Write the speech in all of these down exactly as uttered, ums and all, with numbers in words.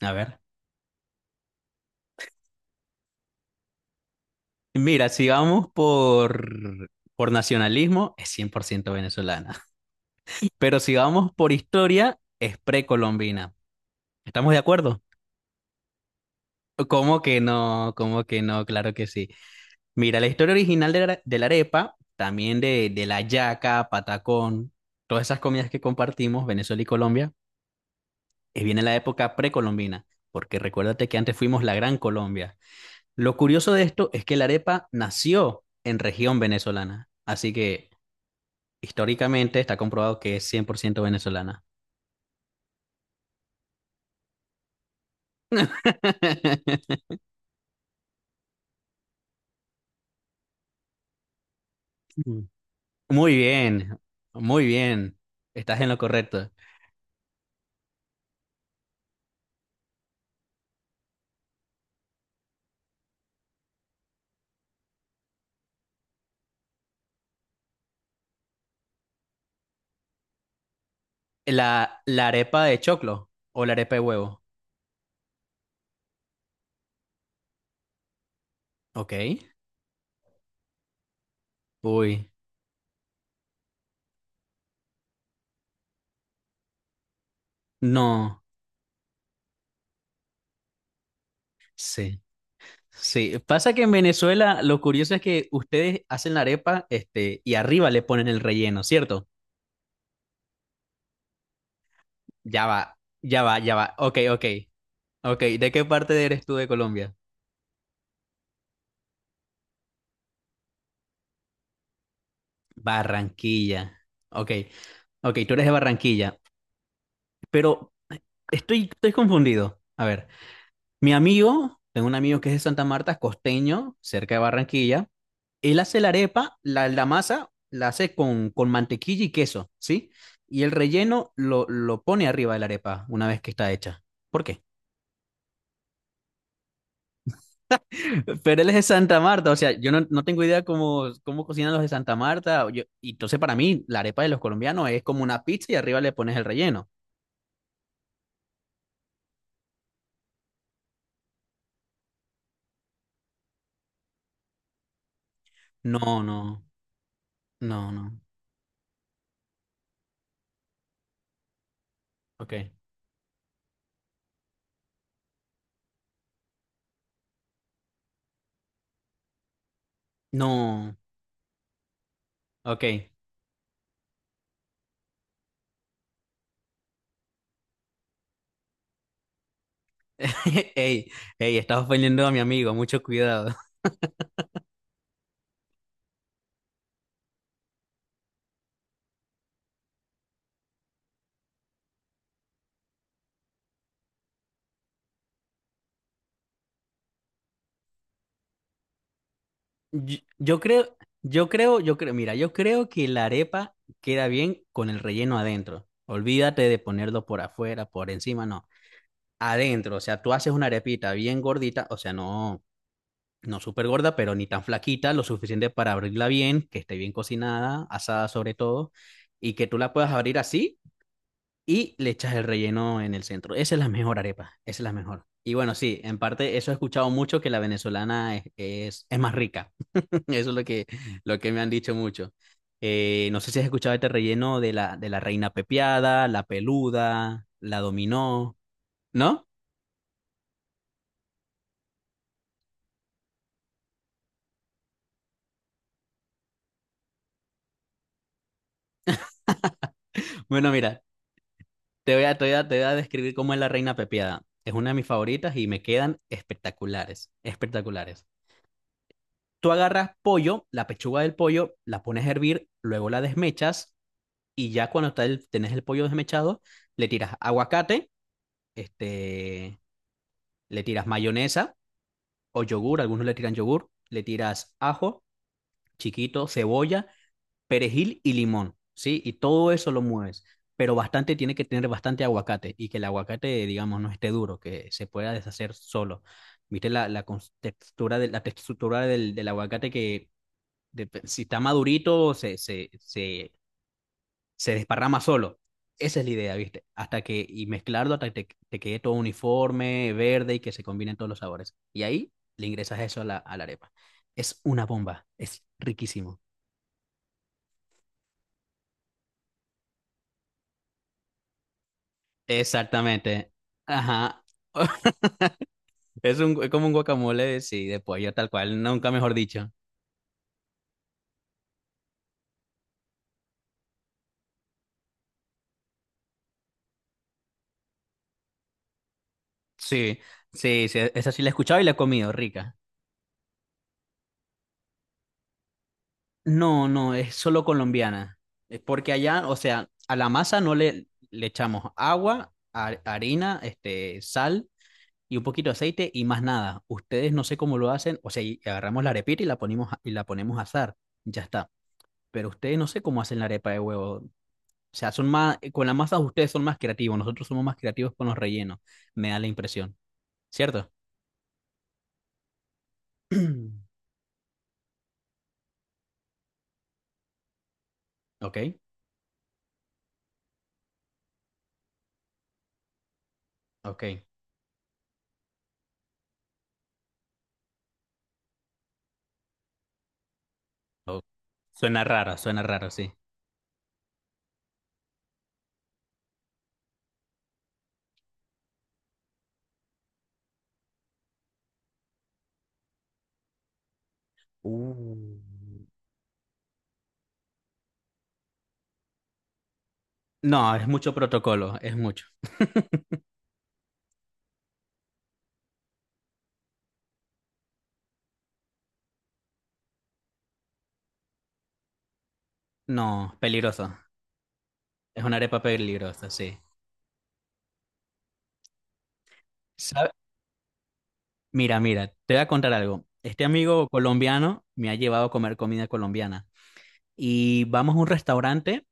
A ver. Mira, si vamos por, por nacionalismo, es cien por ciento venezolana. Pero si vamos por historia, es precolombina. ¿Estamos de acuerdo? ¿Cómo que no? ¿Cómo que no? Claro que sí. Mira, la historia original de la, de la arepa, también de, de la yaca, patacón, todas esas comidas que compartimos, Venezuela y Colombia, eh, viene en la época precolombina, porque recuérdate que antes fuimos la Gran Colombia. Lo curioso de esto es que la arepa nació en región venezolana, así que históricamente está comprobado que es cien por ciento venezolana. Mm. Muy bien, muy bien. Estás en lo correcto. La, la arepa de choclo o la arepa de huevo. Ok. Uy, no. Sí, sí. Pasa que en Venezuela lo curioso es que ustedes hacen la arepa, este, y arriba le ponen el relleno, ¿cierto? Ya va, ya va, ya va. Ok, ok. Ok, ¿de qué parte eres tú de Colombia? Barranquilla. Ok, ok, tú eres de Barranquilla. Pero Estoy, estoy confundido. A ver, mi amigo, tengo un amigo que es de Santa Marta, es costeño, cerca de Barranquilla. Él hace la arepa, la, la masa la hace con, con mantequilla y queso, ¿sí? Y el relleno lo, lo pone arriba de la arepa una vez que está hecha. ¿Por qué? Pero él es de Santa Marta, o sea, yo no, no tengo idea cómo, cómo cocinan los de Santa Marta. O Yo- y entonces para mí la arepa de los colombianos es como una pizza y arriba le pones el relleno. No, no, no, no. Ok. No, ok. Ey, ey, estás ofendiendo a mi amigo, mucho cuidado. Yo, yo creo, yo creo, yo creo, mira, yo creo que la arepa queda bien con el relleno adentro. Olvídate de ponerlo por afuera, por encima, no. Adentro, o sea, tú haces una arepita bien gordita, o sea, no, no súper gorda, pero ni tan flaquita, lo suficiente para abrirla bien, que esté bien cocinada, asada sobre todo, y que tú la puedas abrir así y le echas el relleno en el centro. Esa es la mejor arepa, esa es la mejor. Y bueno, sí, en parte eso he escuchado mucho que la venezolana es, es, es más rica. Eso es lo que, lo que me han dicho mucho. Eh, no sé si has escuchado este relleno de la, de la reina pepiada, la peluda, la dominó, ¿no? Bueno, mira, te voy a, te voy a, te voy a describir cómo es la reina pepiada. Es una de mis favoritas y me quedan espectaculares, espectaculares. Tú agarras pollo, la pechuga del pollo, la pones a hervir, luego la desmechas y ya cuando está el, tenés el pollo desmechado, le tiras aguacate, este, le tiras mayonesa o yogur, algunos le tiran yogur, le tiras ajo chiquito, cebolla, perejil y limón, ¿sí? Y todo eso lo mueves, pero bastante tiene que tener bastante aguacate y que el aguacate, digamos, no esté duro, que se pueda deshacer solo. ¿Viste la, la cons- textura, de, la textura del, del aguacate que de- si está madurito se, se, se se desparrama solo? Esa es la idea, ¿viste? Hasta que, y mezclarlo hasta que te, te quede todo uniforme, verde y que se combinen todos los sabores. Y ahí le ingresas eso a la, a la arepa. Es una bomba, es riquísimo. Exactamente. Ajá. Es un, es como un guacamole, sí, de pollo, tal cual, nunca mejor dicho. Sí, sí, sí, esa sí la he escuchado y la he comido, rica. No, no, es solo colombiana. Es porque allá, o sea, a la masa no le, le echamos agua, ha- harina, este, sal y un poquito de aceite y más nada. Ustedes no sé cómo lo hacen, o sea, y agarramos la arepita y la ponemos a- y la ponemos a asar, ya está. Pero ustedes no sé cómo hacen la arepa de huevo. O sea, son más, eh, con la masa ustedes son más creativos, nosotros somos más creativos con los rellenos, me da la impresión, ¿cierto? Ok, ok. o- Suena raro, suena raro, sí. Uh. No, es mucho protocolo, es mucho. No, peligroso. Es una arepa peligrosa, sí. ¿Sabe? Mira, mira, te voy a contar algo. Este amigo colombiano me ha llevado a comer comida colombiana y vamos a un restaurante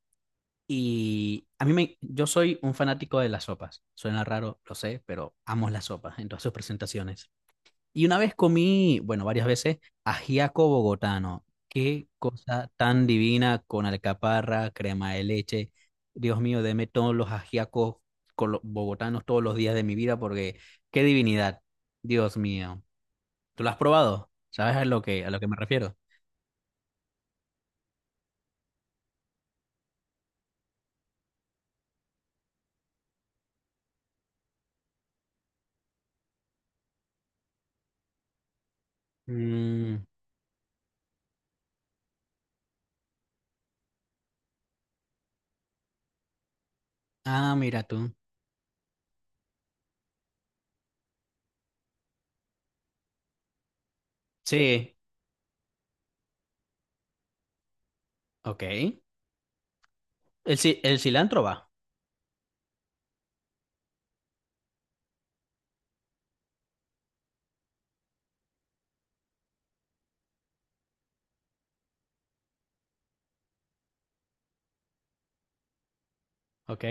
y a mí me, yo soy un fanático de las sopas. Suena raro, lo sé, pero amo las sopas en todas sus presentaciones. Y una vez comí, bueno, varias veces, ajiaco bogotano. Qué cosa tan divina con alcaparra, crema de leche. Dios mío, deme todos los ajiacos colo- bogotanos todos los días de mi vida porque qué divinidad. Dios mío. ¿Tú lo has probado? ¿Sabes a lo que, a lo que me refiero? Mm, ah, mira tú. Sí, ok. El, ci- el cilantro va, ok.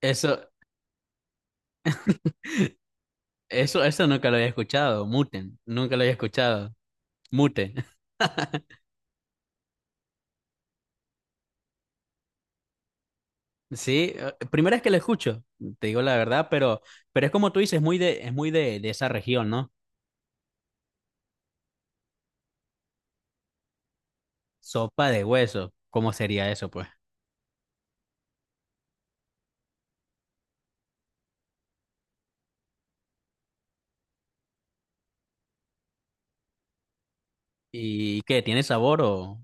Eso, eso, eso nunca lo había escuchado. Muten, nunca lo había escuchado. Mute. Sí, eh, primera vez que lo escucho, te digo la verdad, pero, pero es como tú dices, muy de, es muy de, de esa región, ¿no? Sopa de hueso, ¿cómo sería eso, pues? ¿Y qué? ¿Tiene sabor o?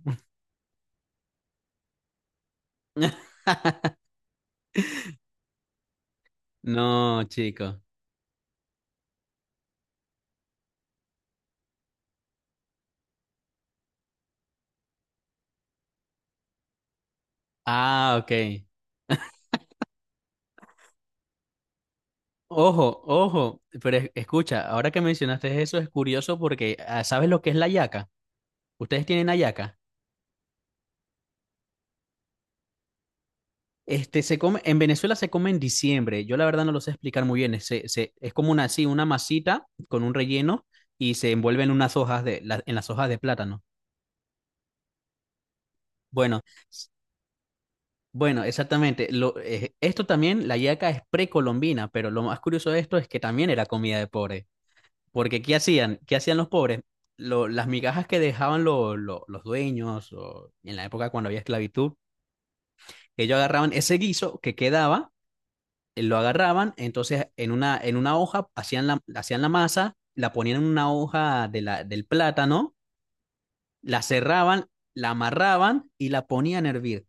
No, chico. Ah, ok. Ojo, ojo, pero es- escucha, ahora que mencionaste eso es curioso porque ah, ¿sabes lo que es la yaca? ¿Ustedes tienen hallaca? Este, se come, en Venezuela se come en diciembre. Yo la verdad no lo sé explicar muy bien. Se- se- es como una, así, una masita con un relleno y se envuelve en unas hojas de, la- en las hojas de plátano. Bueno, s- bueno, exactamente. Lo, eh, esto también, la yaca es precolombina, pero lo más curioso de esto es que también era comida de pobre. Porque ¿qué hacían? ¿Qué hacían los pobres? Lo- las migajas que dejaban lo- lo- los dueños o en la época cuando había esclavitud, ellos agarraban ese guiso que quedaba, eh, lo agarraban, entonces en una, en una hoja hacían la, hacían la masa, la ponían en una hoja de la, del plátano, la cerraban, la amarraban y la ponían a hervir.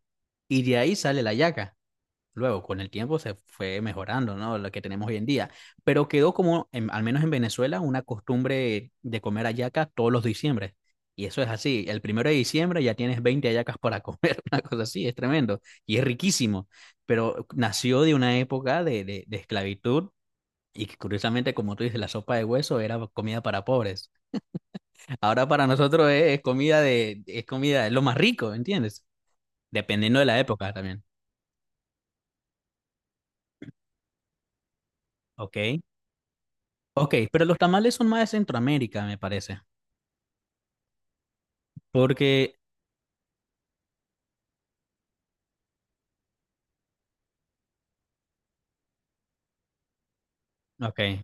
Y de ahí sale la yaca. Luego, con el tiempo se fue mejorando, ¿no? Lo que tenemos hoy en día. Pero quedó como, en- al menos en Venezuela, una costumbre de comer hallaca todos los diciembre. Y eso es así. El primero de diciembre ya tienes veinte hallacas para comer, una cosa así, es tremendo. Y es riquísimo. Pero nació de una época de, de, de esclavitud y que curiosamente, como tú dices, la sopa de hueso era comida para pobres. Ahora para nosotros es, es comida de, es comida, es lo más rico, ¿entiendes? Dependiendo de la época también. Ok. Ok, pero los tamales son más de Centroamérica, me parece. Porque, ok.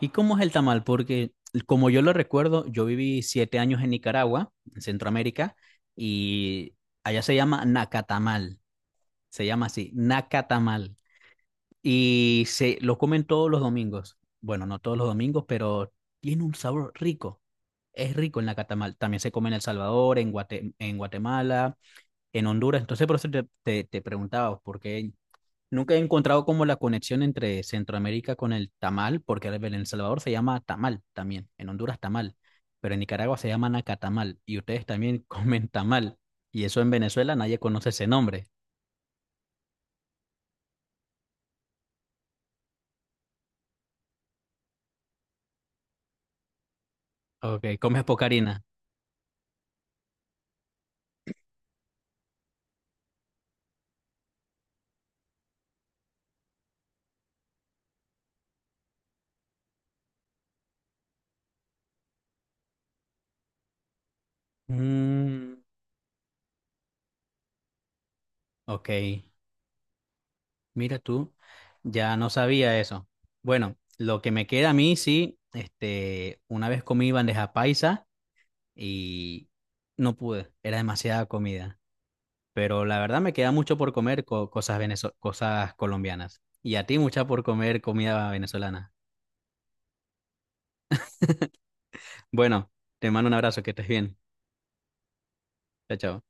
¿Y cómo es el tamal? Porque, como yo lo recuerdo, yo viví siete años en Nicaragua, en Centroamérica, y allá se llama nacatamal. Se llama así, nacatamal. Y se lo comen todos los domingos. Bueno, no todos los domingos, pero tiene un sabor rico. Es rico en la catamal. También se come en El Salvador, en Guate- en Guatemala, en Honduras. Entonces, por eso te, te, te preguntaba, porque nunca he encontrado como la conexión entre Centroamérica con el tamal, porque en El Salvador se llama tamal también, en Honduras tamal, pero en Nicaragua se llama nacatamal y ustedes también comen tamal. Y eso en Venezuela nadie conoce ese nombre. Ok, comes pocarina. Mm, ok. Mira tú, ya no sabía eso. Bueno, lo que me queda a mí, sí, este, una vez comí bandeja paisa y no pude, era demasiada comida. Pero la verdad me queda mucho por comer co- cosas venezo- cosas colombianas. Y a ti mucha por comer comida venezolana. Bueno, te mando un abrazo, que estés bien. Chao, chao.